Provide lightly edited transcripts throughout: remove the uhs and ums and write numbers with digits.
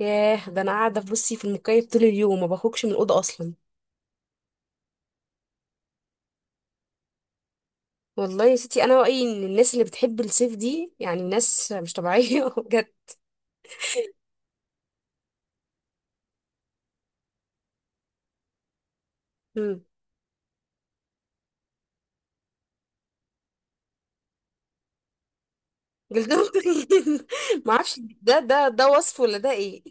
ياه، ده انا قاعده بصي في المكيف طول اليوم، ما بخرجش من الاوضه اصلا. والله يا ستي، انا رايي ان الناس اللي بتحب الصيف دي يعني ناس مش طبيعيه بجد. مم. جلدهم تخين ما اعرفش، ده وصف ولا ده ايه؟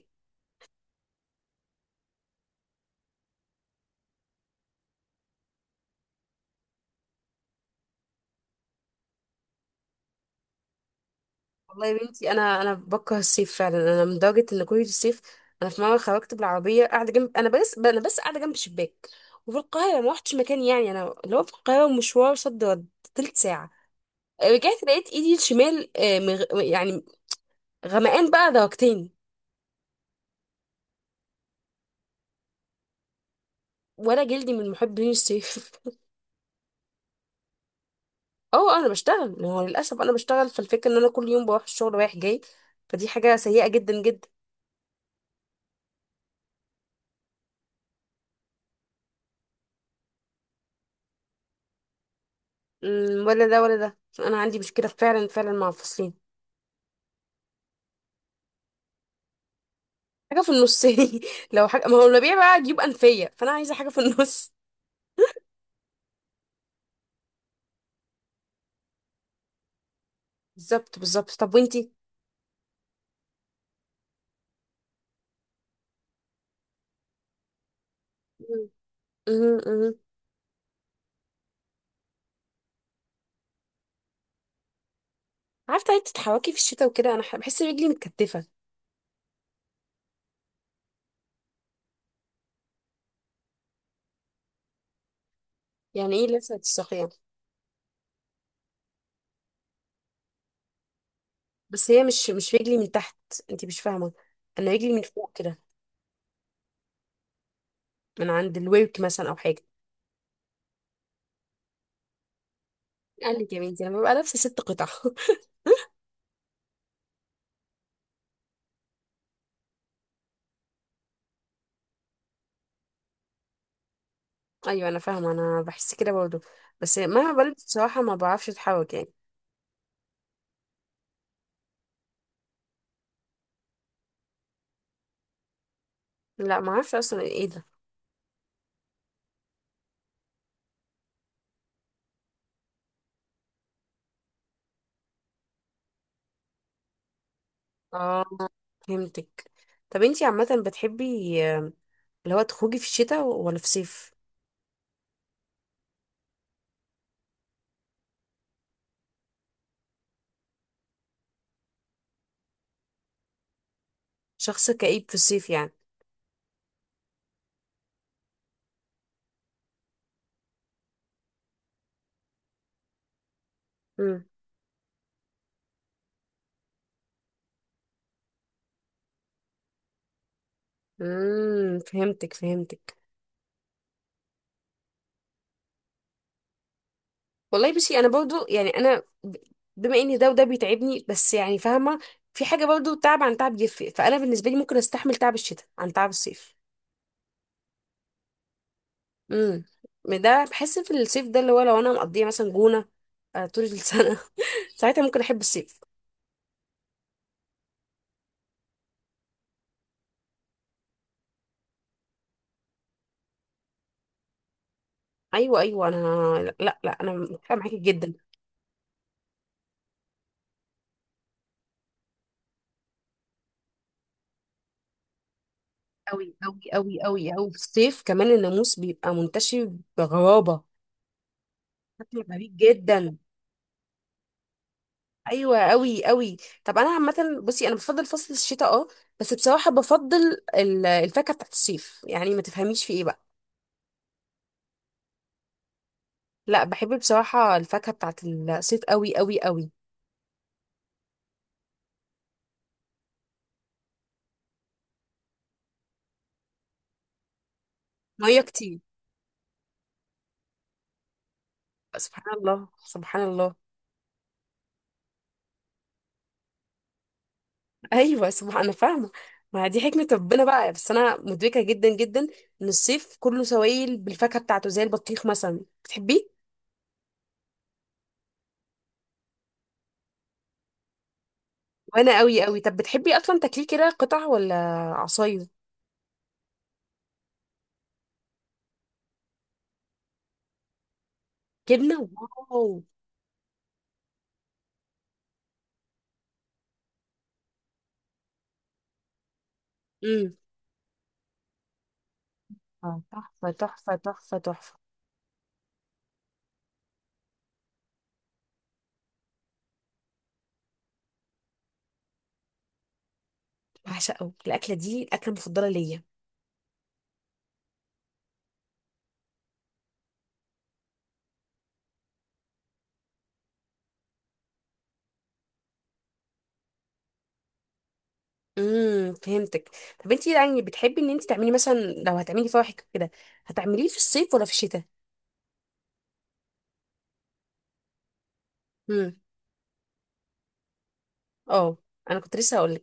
والله يا بنتي، انا بكره الصيف فعلا، انا من درجه ان كل الصيف انا في مره خرجت بالعربيه قاعده جنب، انا بس قاعده جنب شباك، وفي القاهره ما روحتش مكان. يعني انا لو في القاهره مشوار صد رد تلت ساعه، رجعت لقيت ايدي الشمال يعني غمقان بقى درجتين. ولا جلدي من محبين الصيف. اه انا بشتغل، ما هو للاسف انا بشتغل، فالفكره ان انا كل يوم بروح الشغل رايح جاي، فدي حاجه سيئه جدا جدا. ولا ده ولا ده، انا عندي مشكله فعلا فعلا مع الفصلين. حاجه في النص. لو حاجه، ما هو الربيع بقى يجيب انفيه، فانا عايزه حاجه في النص. بالظبط بالظبط، طب وانتي؟ مم. مم، مم. عارفه انت تتحركي في الشتاء وكده، انا بحس رجلي متكتفه. يعني ايه لسه هتساقي يعني؟ بس هي مش رجلي من تحت، انت مش فاهمه. انا رجلي من فوق كده، من عند الورك مثلا او حاجه. قال لك يا بنتي لما ببقى لابسه ست قطع ايوه انا فاهمه، انا بحس كده برضه، بس مهما بلبس بصراحه ما بعرفش اتحرك يعني. لا ما اعرفش اصلا ايه ده. اه فهمتك. طب انتي عامه بتحبي آه، اللي هو تخرجي في الشتاء ولا في الصيف؟ شخص كئيب في الصيف يعني. امم. امم، فهمتك فهمتك. والله بصي، انا برضه يعني انا، بما ان ده وده بيتعبني، بس يعني فاهمه في حاجه برضه، تعب عن تعب يفرق، فانا بالنسبه لي ممكن استحمل تعب الشتاء عن تعب الصيف. امم. ده بحس في الصيف ده، اللي هو لو انا مقضيه مثلا جونه طول السنه ساعتها ممكن احب الصيف. ايوه ايوه انا. لا لا لا، انا متفقه معاكي جدا. قوي قوي قوي قوي قوي، في الصيف كمان الناموس بيبقى منتشر بغرابه. شكله غريب جدا. ايوه قوي قوي. طب انا عامه بصي، انا بفضل فصل الشتاء اه، بس بصراحه بفضل الفاكهه بتاعت الصيف، يعني ما تفهميش في ايه بقى. لا بحب بصراحه الفاكهه بتاعت الصيف قوي قوي قوي. ميه كتير. سبحان الله سبحان الله. ايوه سبحان، انا فاهمه. ما دي حكمه ربنا بقى، بس انا مدركه جدا جدا ان الصيف كله سوائل بالفاكهه بتاعته، زي البطيخ مثلا بتحبيه. وانا قوي قوي. طب بتحبي اصلا تاكليه كده قطع ولا عصاير؟ جبنه؟ واو. امم. تحفه تحفه تحفه تحفه. بعشقه الاكله دي، الاكله المفضله ليا. فهمتك. طب انتي يعني بتحبي ان انتي تعملي، مثلا لو هتعملي فواحك كده، هتعمليه في الصيف ولا في الشتاء؟ امم، اه انا كنت لسه هقول.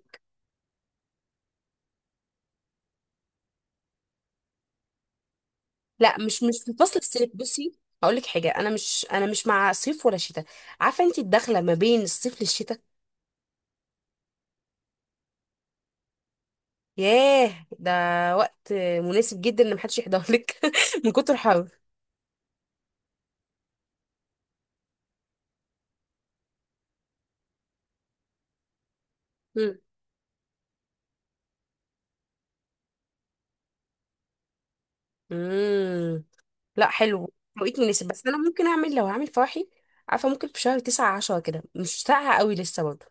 لا، مش في فصل الصيف بصي. هقول لك حاجه، انا مش مع صيف ولا شتاء. عارفه انت الدخله ما بين الصيف للشتاء؟ ياه ده، وقت مناسب جدا ان محدش يحضر لك من كتر الحر. مم. مم. لا حلو، توقيت مناسب، بس انا ممكن اعمل، لو هعمل فرحي، عارفه، ممكن في شهر 9 10 كده، مش ساقعه قوي لسه برضه.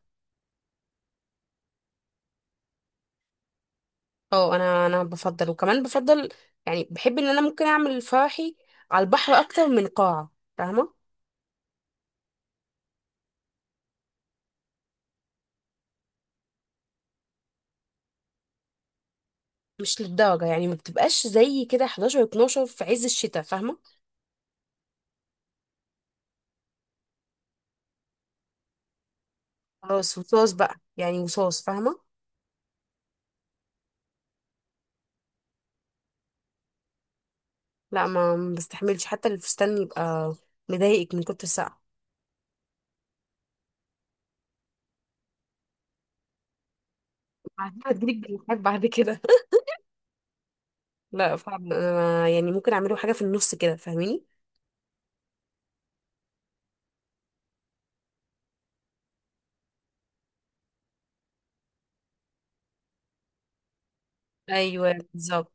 اه انا بفضل، وكمان بفضل، يعني بحب ان انا ممكن اعمل فرحي على البحر اكتر من قاعه، فاهمه. مش للدرجة، يعني ما بتبقاش زي كده 11 12 في عز الشتاء، فاهمة؟ خلاص وصاص بقى، يعني وصاص، فاهمة. لا ما بستحملش حتى الفستان، يبقى مضايقك من كتر السقعة. بعدين هتجيلك بالحاجات بعد كده. لا فعلا، أنا يعني ممكن اعمله حاجة في النص كده، فاهميني. ايوه بالظبط.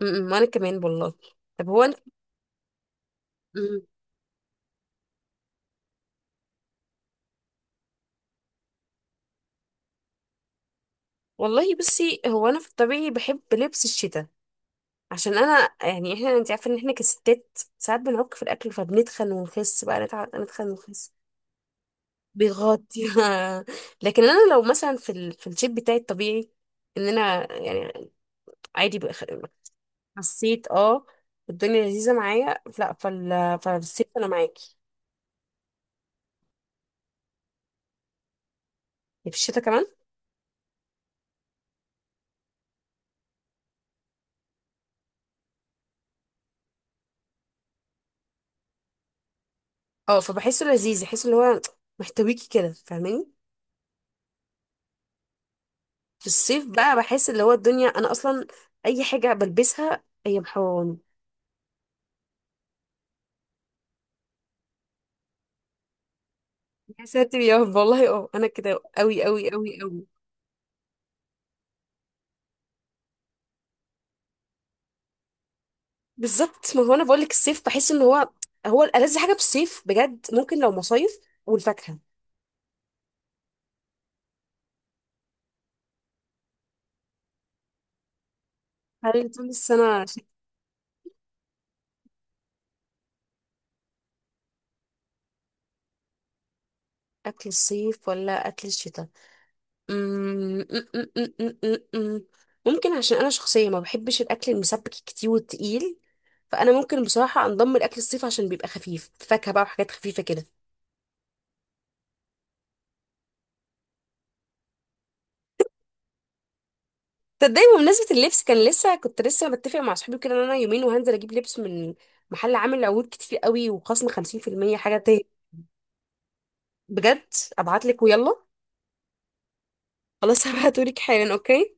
م- م، وانا كمان والله. طب هو انت. م- والله بصي، هو انا في الطبيعي بحب لبس الشتاء، عشان انا يعني، احنا انت عارفه ان احنا كستات ساعات بنعك في الاكل، فبنتخن ونخس بقى، نتخن ونخس. بيغطي. لكن انا لو مثلا في الشيب بتاعي الطبيعي، ان انا يعني عادي، حسيت اه الدنيا لذيذه معايا، لا فالصيف انا معاكي. يعني في الشتاء كمان اه، فبحسه لذيذ، بحس اللي هو محتويكي كده، فاهماني. في الصيف بقى بحس اللي هو الدنيا، انا اصلا اي حاجه بلبسها هي محوراني. يا ساتر يا رب، والله اه انا كده قوي قوي قوي قوي. بالظبط، ما هو انا بقول لك، الصيف بحس ان هو، هو الألذ حاجه، في الصيف بجد ممكن لو مصايف والفاكهه هل طول السنه. اكل الصيف ولا اكل الشتاء؟ أمم، أم، أم، أم، أم، أم، أم. ممكن، عشان انا شخصيه ما بحبش الاكل المسبك كتير والتقيل، فانا ممكن بصراحه انضم لاكل الصيف، عشان بيبقى خفيف، فاكهه بقى وحاجات خفيفه كده. تصدقي بمناسبه اللبس، كان لسه كنت لسه بتفق مع صحابي كده ان انا يومين وهنزل اجيب لبس من محل عامل عروض كتير قوي وخصم 50% حاجه. بجد ابعتلك ويلا. خلاص هبعتهولك حالا. اوكي.